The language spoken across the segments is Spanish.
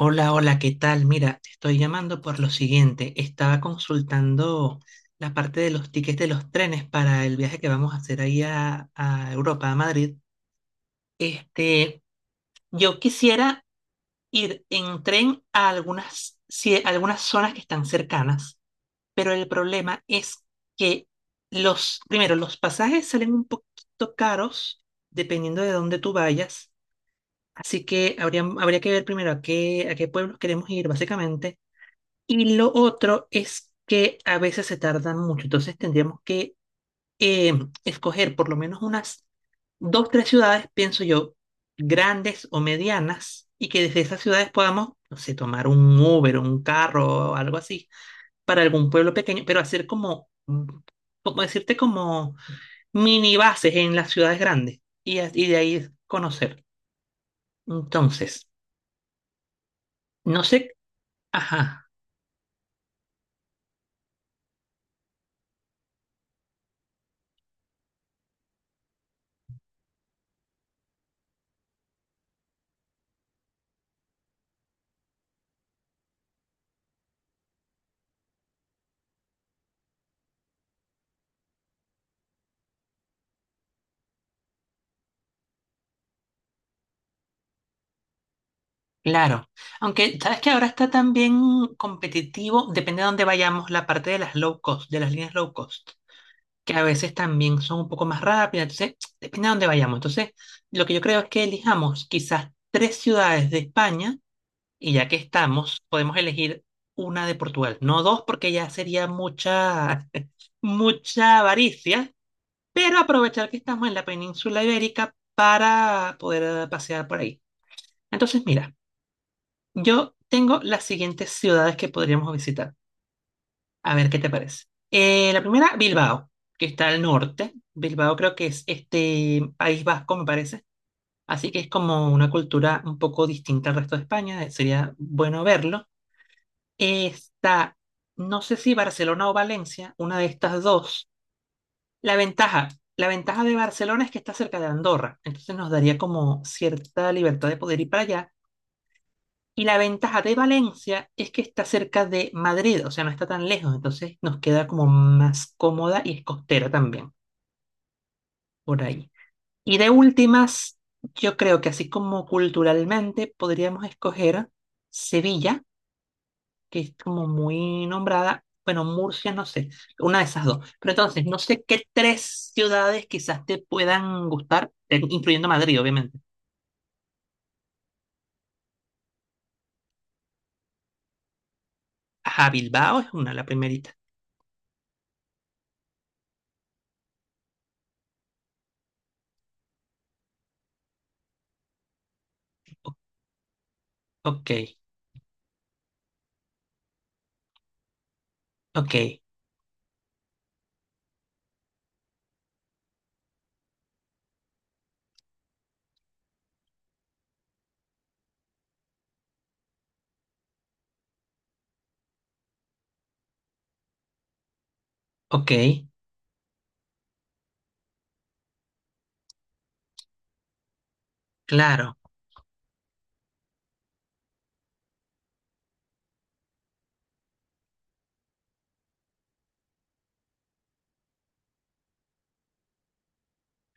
Hola, hola, ¿qué tal? Mira, te estoy llamando por lo siguiente. Estaba consultando la parte de los tickets de los trenes para el viaje que vamos a hacer ahí a Europa, a Madrid. Este, yo quisiera ir en tren a algunas, sí, a algunas zonas que están cercanas, pero el problema es que los, primero, los pasajes salen un poquito caros dependiendo de dónde tú vayas. Así que habría que ver primero a qué pueblos queremos ir, básicamente. Y lo otro es que a veces se tardan mucho, entonces tendríamos que eh, escoger por lo menos unas dos, tres ciudades, pienso yo, grandes o medianas, y que desde esas ciudades podamos, no sé, tomar un Uber, un carro o algo así, para algún pueblo pequeño, pero hacer como, como decirte, como mini bases en las ciudades grandes, y de ahí conocer. Entonces, no sé, ajá. Claro, aunque sabes que ahora está también competitivo, depende de dónde vayamos, la parte de las low cost, de las líneas low cost, que a veces también son un poco más rápidas, entonces depende de dónde vayamos. Entonces, lo que yo creo es que elijamos quizás tres ciudades de España y ya que estamos, podemos elegir una de Portugal, no dos porque ya sería mucha, mucha avaricia, pero aprovechar que estamos en la península ibérica para poder pasear por ahí. Entonces, mira. Yo tengo las siguientes ciudades que podríamos visitar. A ver qué te parece. La primera, Bilbao, que está al norte. Bilbao creo que es este País Vasco, me parece. Así que es como una cultura un poco distinta al resto de España. Sería bueno verlo. Está, no sé si Barcelona o Valencia, una de estas dos. La ventaja, la ventaja de Barcelona es que está cerca de Andorra. Entonces nos daría como cierta libertad de poder ir para allá. Y la ventaja de Valencia es que está cerca de Madrid, o sea, no está tan lejos, entonces nos queda como más cómoda y es costera también, por ahí. Y de últimas, yo creo que así como culturalmente podríamos escoger Sevilla, que es como muy nombrada, bueno, Murcia, no sé, una de esas dos. Pero entonces, no sé qué tres ciudades quizás te puedan gustar, incluyendo Madrid, obviamente. Ajá, Bilbao es una, la primerita. O- ok, ok, ok, claro.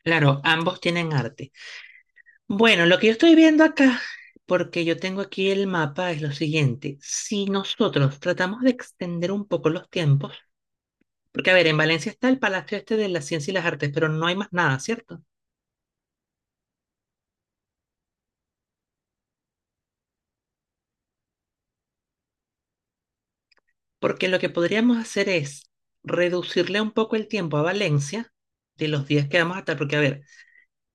Claro, ambos tienen arte. Bueno, lo que yo estoy viendo acá, porque yo tengo aquí el mapa, es lo siguiente. Si nosotros tratamos de extender un poco los tiempos, porque a ver, en Valencia está el Palacio este de la Ciencia y las Artes, pero no hay más nada, ¿cierto? Porque lo que podríamos hacer es reducirle un poco el tiempo a Valencia de los días que vamos a estar, porque a ver,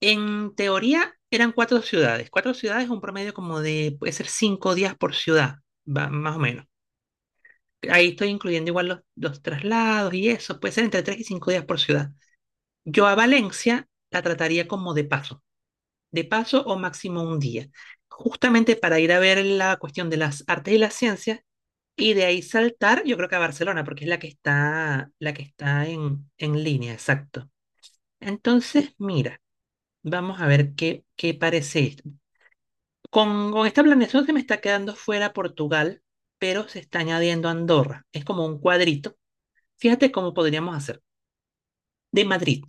en teoría eran cuatro ciudades. Cuatro ciudades, un promedio como de, puede ser 5 días por ciudad, más o menos. Ahí estoy incluyendo igual los traslados y eso. Puede ser entre 3 y 5 días por ciudad. Yo a Valencia la trataría como de paso. De paso o máximo un día. Justamente para ir a ver la cuestión de las artes y las ciencias. Y de ahí saltar, yo creo que a Barcelona, porque es la que está en línea, exacto. Entonces, mira, vamos a ver qué parece esto. Con esta planeación se me está quedando fuera Portugal, pero se está añadiendo Andorra. Es como un cuadrito. Fíjate cómo podríamos hacer. De Madrid,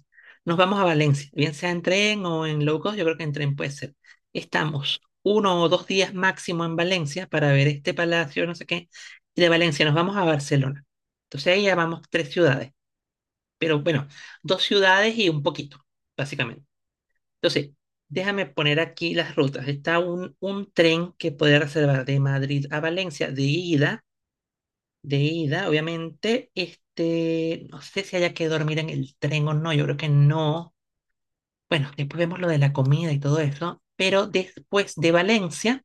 nos vamos a Valencia, bien sea en tren o en low cost, yo creo que en tren puede ser. Estamos 1 o 2 días máximo en Valencia para ver este palacio, no sé qué. Y de Valencia nos vamos a Barcelona. Entonces ahí ya vamos tres ciudades, pero bueno, dos ciudades y un poquito, básicamente. Entonces, déjame poner aquí las rutas. Está un tren que puede reservar de Madrid a Valencia de ida, obviamente, no sé si haya que dormir en el tren o no, yo creo que no. Bueno, después vemos lo de la comida y todo eso, pero después de Valencia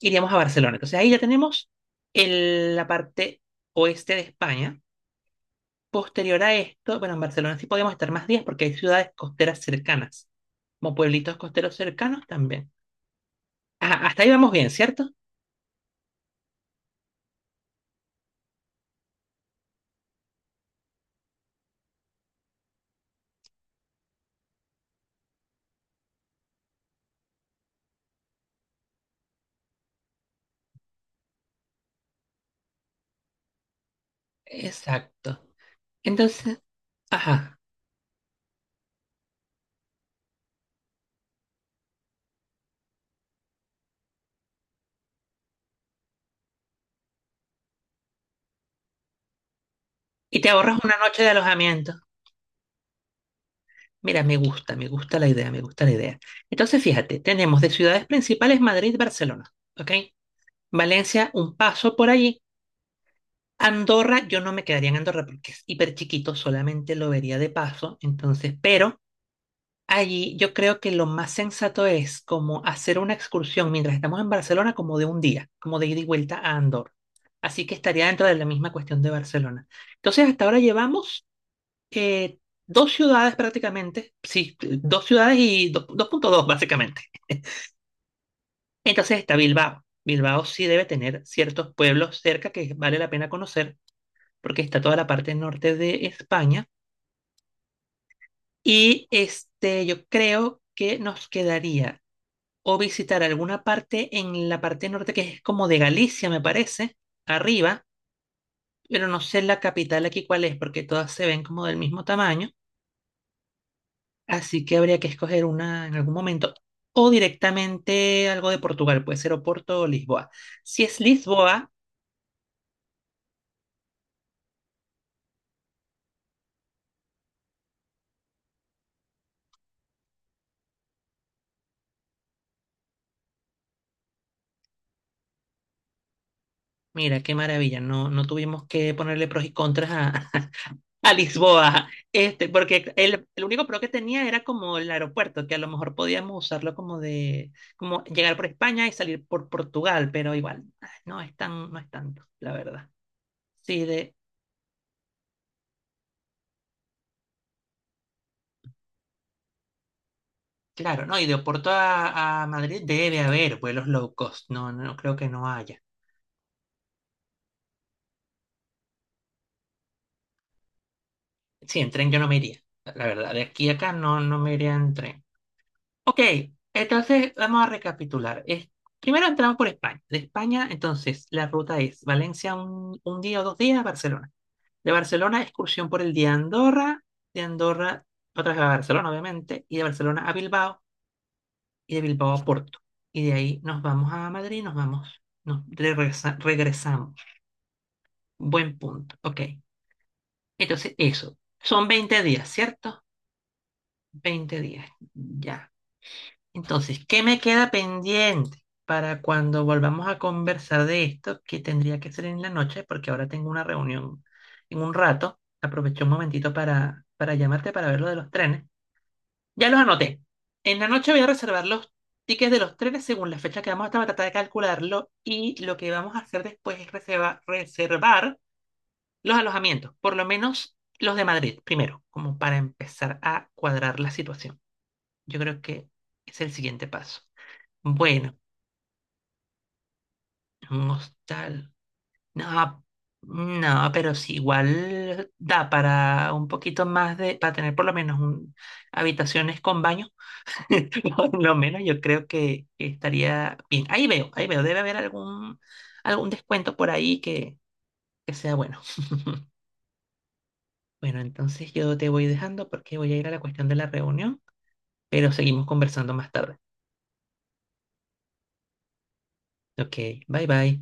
iríamos a Barcelona. Entonces ahí ya tenemos la parte oeste de España. Posterior a esto, bueno, en Barcelona sí podemos estar más días porque hay ciudades costeras cercanas, como pueblitos costeros cercanos también. Ajá, hasta ahí vamos bien, ¿cierto? Exacto. Entonces, ajá. Y te ahorras una noche de alojamiento. Mira, me gusta la idea, me gusta la idea. Entonces, fíjate, tenemos de ciudades principales Madrid, Barcelona, ¿ok? Valencia, un paso por allí. Andorra, yo no me quedaría en Andorra porque es hiper chiquito, solamente lo vería de paso. Entonces, pero allí yo creo que lo más sensato es como hacer una excursión mientras estamos en Barcelona, como de un día, como de ida y vuelta a Andorra. Así que estaría dentro de la misma cuestión de Barcelona. Entonces, hasta ahora llevamos eh, dos ciudades prácticamente, sí, dos ciudades y 2.2 básicamente. Entonces está Bilbao. Bilbao sí debe tener ciertos pueblos cerca que vale la pena conocer porque está toda la parte norte de España. Y este, yo creo que nos quedaría o visitar alguna parte en la parte norte que es como de Galicia, me parece, arriba, pero no sé la capital aquí cuál es porque todas se ven como del mismo tamaño. Así que habría que escoger una en algún momento. O directamente algo de Portugal, puede ser Oporto o Lisboa. Si es Lisboa, mira qué maravilla, no, no tuvimos que ponerle pros y contras a, a Lisboa, este, porque el único pro que tenía era como el aeropuerto, que a lo mejor podíamos usarlo como de, como llegar por España y salir por Portugal, pero igual, ah, no es tan, no es tanto, la verdad. Sí, de, claro, no, y de Oporto a Madrid debe haber vuelos low cost, no, no no creo que no haya. Sí, en tren yo no me iría. La verdad, de aquí a acá no, no me iría en tren. Ok, entonces vamos a recapitular. Primero entramos por España. De España, entonces, la ruta es Valencia un día o dos días a Barcelona. De Barcelona, excursión por el día a Andorra. De Andorra, otra vez a Barcelona, obviamente. Y de Barcelona a Bilbao. Y de Bilbao a Porto. Y de ahí nos vamos a Madrid, nos vamos, nos regresamos. Buen punto. Ok, entonces eso. Son 20 días, ¿cierto? 20 días. Ya. Entonces, ¿qué me queda pendiente para cuando volvamos a conversar de esto, que tendría que ser en la noche, porque ahora tengo una reunión en un rato. Aproveché un momentito para llamarte para ver lo de los trenes. Ya los anoté. En la noche voy a reservar los tickets de los trenes según la fecha que vamos a estar, voy a tratar de calcularlo y lo que vamos a hacer después es reservar los alojamientos, por lo menos los de Madrid primero, como para empezar a cuadrar la situación. Yo creo que es el siguiente paso. Bueno. Un hostal. No, no, pero sí, igual da para un poquito más de, para tener por lo menos un- habitaciones con baño. Por lo menos yo creo que estaría bien. Ahí veo, debe haber algún descuento por ahí que sea bueno. Bueno, entonces yo te voy dejando porque voy a ir a la cuestión de la reunión, pero seguimos conversando más tarde. Ok, bye bye.